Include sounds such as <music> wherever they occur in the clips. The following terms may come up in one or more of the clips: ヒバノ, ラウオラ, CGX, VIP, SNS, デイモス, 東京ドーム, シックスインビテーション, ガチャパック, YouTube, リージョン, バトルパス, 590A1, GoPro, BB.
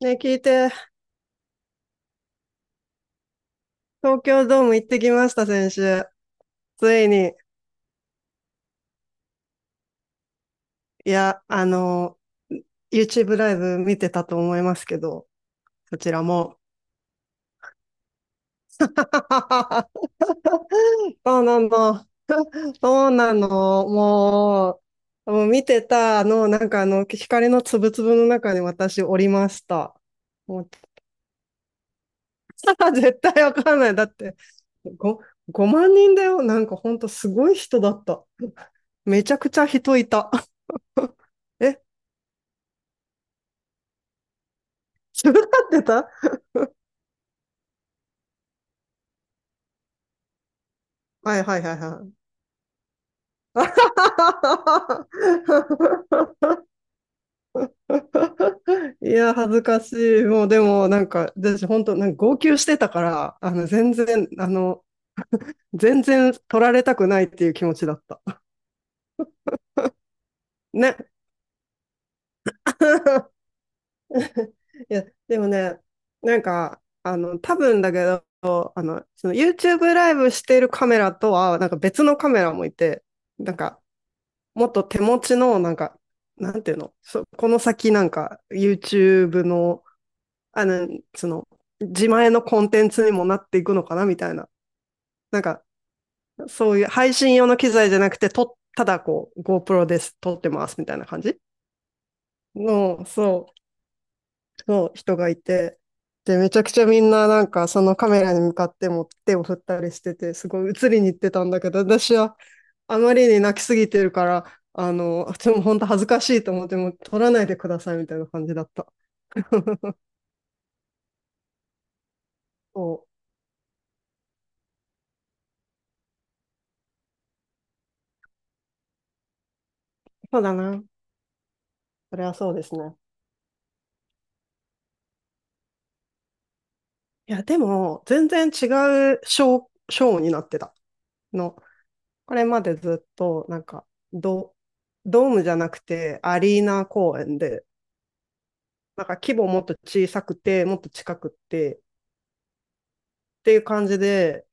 ね、聞いて、東京ドーム行ってきました、先週。ついに、いや、YouTube ライブ見てたと思いますけど、そちらも。<laughs> そうなの、そうなの、ももう見てた光のつぶつぶの中に私おりました。もう、<laughs> 絶対わかんない。だって、ご5万人だよ。なんかほんとすごい人だった。めちゃくちゃ人いた。<laughs> え、違ってたはいはいはいはい。<laughs> いや、恥ずかしい。もうでも、なんか、私本当、なんか号泣してたから、全然取られたくないっていう気持ちだった。ね。<laughs> いや、でもね、なんか、多分だけど、その YouTube ライブしてるカメラとは、なんか別のカメラもいて、なんか、もっと手持ちの、なんか、なんていうの、そこの先なんか YouTube のあの、その、自前のコンテンツにもなっていくのかなみたいな。なんか、そういう配信用の機材じゃなくて、ただこう、GoPro です、撮ってます、みたいな感じの、そう、の人がいて、で、めちゃくちゃみんななんか、そのカメラに向かっても手を振ったりしてて、すごい映りに行ってたんだけど、私はあまりに泣きすぎてるから、あの、でも本当恥ずかしいと思って、もう撮らないでください、みたいな感じだった。<laughs> そう、そうだな。それはそうですね。いや、でも、全然違うショーになってたの。これまでずっと、なんか、ド、ドームじゃなくて、アリーナ公演で、なんか規模もっと小さくて、もっと近くって、っていう感じで、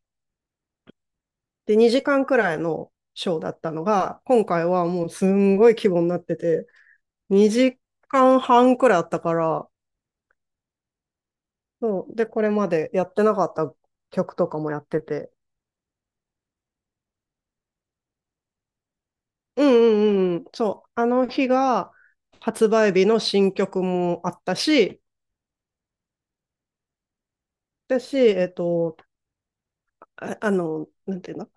で、2時間くらいのショーだったのが、今回はもうすんごい規模になってて、2時間半くらいあったから、そう、で、これまでやってなかった曲とかもやってて、うんうんうん。そう。あの日が発売日の新曲もあったし、だし、えっと、あ、あの、なんていうの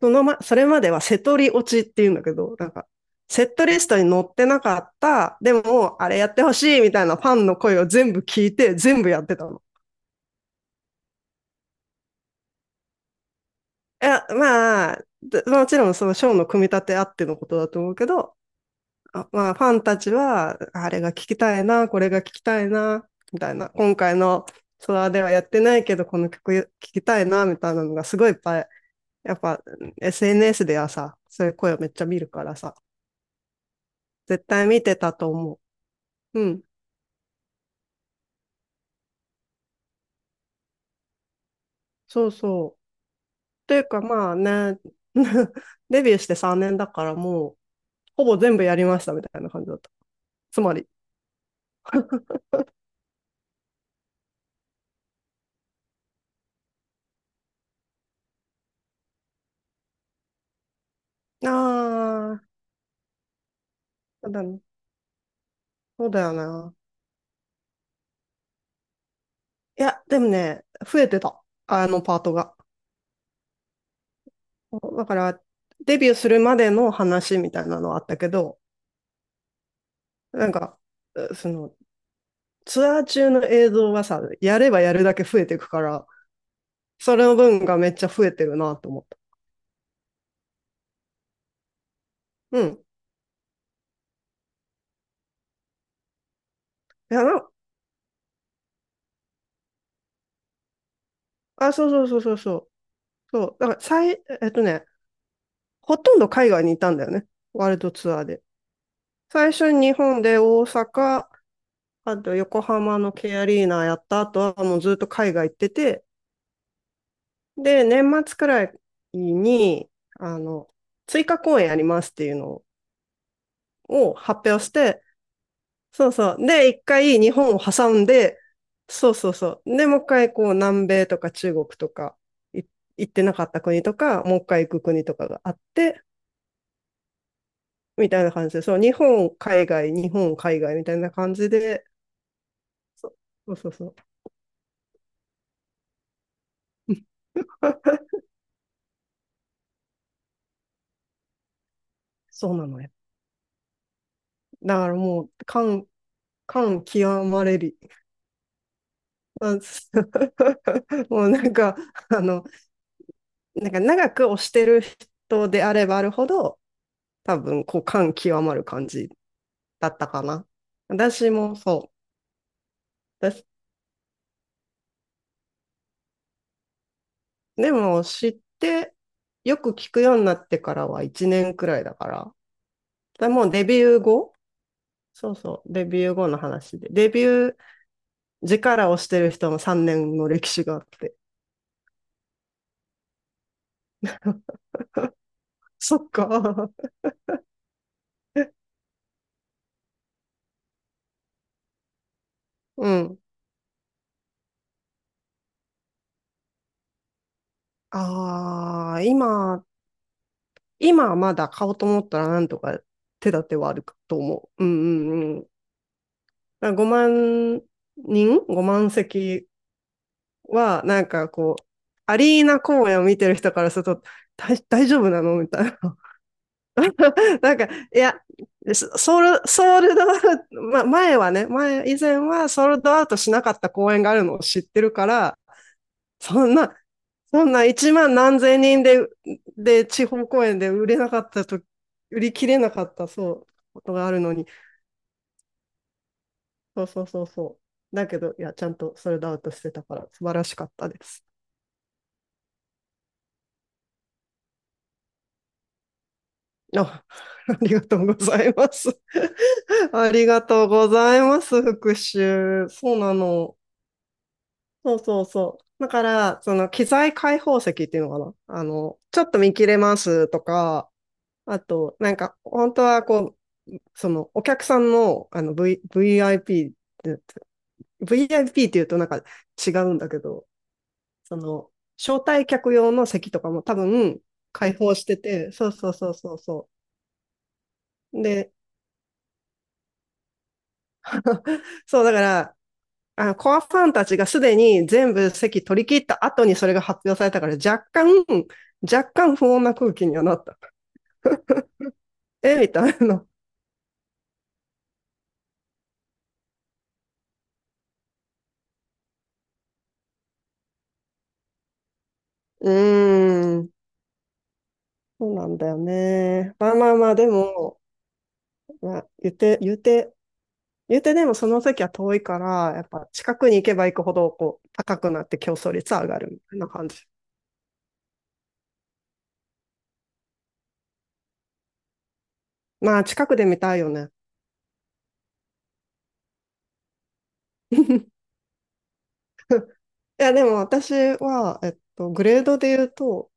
それまではセトリ落ちっていうんだけど、なんか、セットリストに載ってなかった、でも、あれやってほしいみたいなファンの声を全部聞いて、全部やってたの。いや、まあ、でもちろんそのショーの組み立てあってのことだと思うけど、ファンたちは、あれが聞きたいな、これが聞きたいな、みたいな、今回のツアーではやってないけど、この曲聞きたいな、みたいなのがすごいいっぱい、やっぱ SNS ではさ、そういう声をめっちゃ見るからさ、絶対見てたと思う。うん、そうそう。というかまあね、<laughs> デビューして3年だからもう、ほぼ全部やりましたみたいな感じだった。つまり。ああ、そうだねそうだよな。いや、でもね、増えてた。あのパートが。だから、デビューするまでの話みたいなのはあったけど、なんか、その、ツアー中の映像はさ、やればやるだけ増えていくから、それの分がめっちゃ増えてるなと思った。うん。いや、そうそうそうそうそう。そう。だから、最、えっとね、ほとんど海外にいたんだよね。ワールドツアーで。最初に日本で大阪、あと横浜のケアリーナやった後はもうずっと海外行ってて、で、年末くらいに、あの、追加公演ありますっていうのを発表して、そうそう。で、一回日本を挟んで、そうそうそう。で、もう一回こう南米とか中国とかい行ってなかった国とか、もう一回行く国とかがあって、みたいな感じで、そう、日本、海外、日本、海外みたいな感じで、そうそうそうそう。<laughs> そうなのよ。だからもう、感極まれり、あそう <laughs> もうなんか、<laughs> あの、なんか長く推してる人であればあるほど、多分、こう、感極まる感じだったかな。私もそう。私でも、知って、よく聞くようになってからは1年くらいだから。だもうデビュー後そうそう、デビュー後の話で。デビュー時から推してる人も3年の歴史があって。そっか。<laughs> うん。ああ、今はまだ買おうと思ったらなんとか手立てはあると思う。うんうんうん。5万人 ?5 万席は、なんかこう、アリーナ公演を見てる人からすると、大丈夫なのみたいな。<laughs> なんか、いや、ソールドアウト、ま、前はね、前、以前はソールドアウトしなかった公演があるのを知ってるから、そんな、そんな1万何千人で、地方公演で売り切れなかった、そう、ことがあるのに、そうそうそうそう。だけど、いや、ちゃんとソールドアウトしてたから素晴らしかったです。あ、<laughs> ありがとうございます。<laughs> ありがとうございます、復習。そうなの。そうそうそう。だから、その機材開放席っていうのかな。あの、ちょっと見切れますとか、あと、なんか、本当はこう、そのお客さんの、あの、VIP って、VIP って言うとなんか違うんだけど、その、招待客用の席とかも多分開放してて、そうそうそうそうそう。で、<laughs> そうだから、あの、コアファンたちがすでに全部席取り切った後にそれが発表されたから若干不穏な空気にはなった。えみたいな。<laughs> うーん。そうなんだよね。まあまあまあ、でも、まあ、言ってでもその席は遠いから、やっぱ近くに行けば行くほど、こう、高くなって競争率は上がるみたいな感じ。まあ、近くで見たいよね。<laughs> いや、でも私は、えっと、グレードで言うと、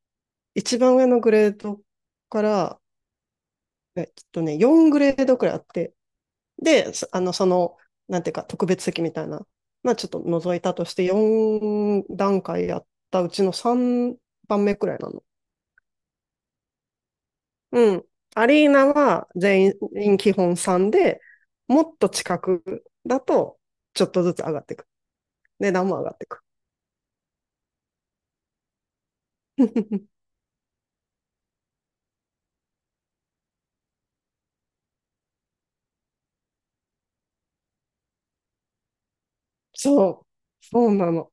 一番上のグレードから、えっとね、4グレードくらいあって、で、その、なんていうか、特別席みたいな、まあ、ちょっと覗いたとして、4段階やったうちの3番目くらいなの。うん。アリーナは全員基本3で、もっと近くだと、ちょっとずつ上がっていく。値段も上がっていく。<laughs> そう。そうなの。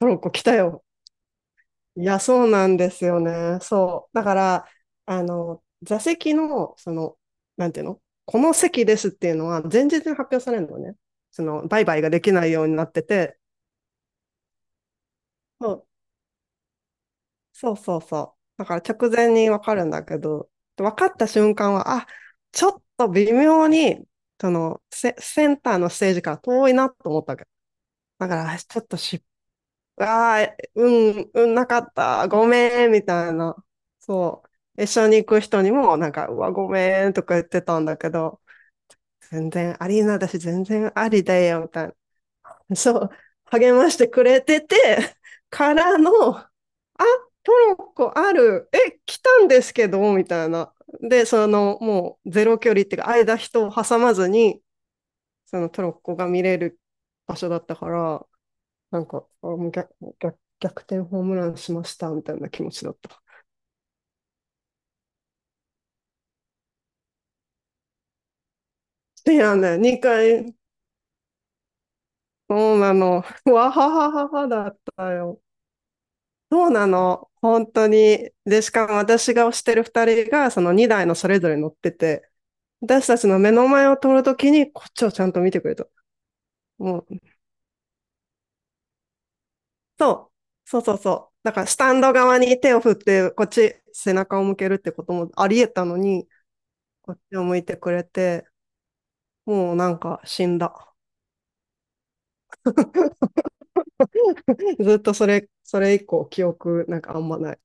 トロッコ来たよ。いや、そうなんですよね。そう。だから、あの、座席の、その、なんていうのこの席ですっていうのは、前日に発表されるのね。その、売買ができないようになってて、そう、そうそうそう。だから直前にわかるんだけど、分かった瞬間は、あ、ちょっと微妙に、そのセンターのステージから遠いなと思ったわけ。だから、あちょっと失ああ、うん、うん、なかった、ごめん、みたいな。そう。一緒に行く人にも、なんか、うわ、ごめん、とか言ってたんだけど、全然アリーナだし、全然ありだよ、みたいな。そう。励ましてくれてて、からの、あ、トロッコある、え、来たんですけど、みたいな。で、その、もう、ゼロ距離っていうか、間人を挟まずに、そのトロッコが見れる場所だったから、なんか、あ、もう逆転ホームランしましたみたいな気持ちだった。<laughs> いやね、2回、そうなの。<laughs> わははははだったよ。そうなの。本当に。で、しかも私が推してる2人が、その2台のそれぞれ乗ってて、私たちの目の前を通るときに、こっちをちゃんと見てくれた。もう、そう、そうそうそう。だから、スタンド側に手を振って、こっち背中を向けるってこともあり得たのに、こっちを向いてくれて、もうなんか死んだ。ずっとそれ以降記憶なんかあんまない。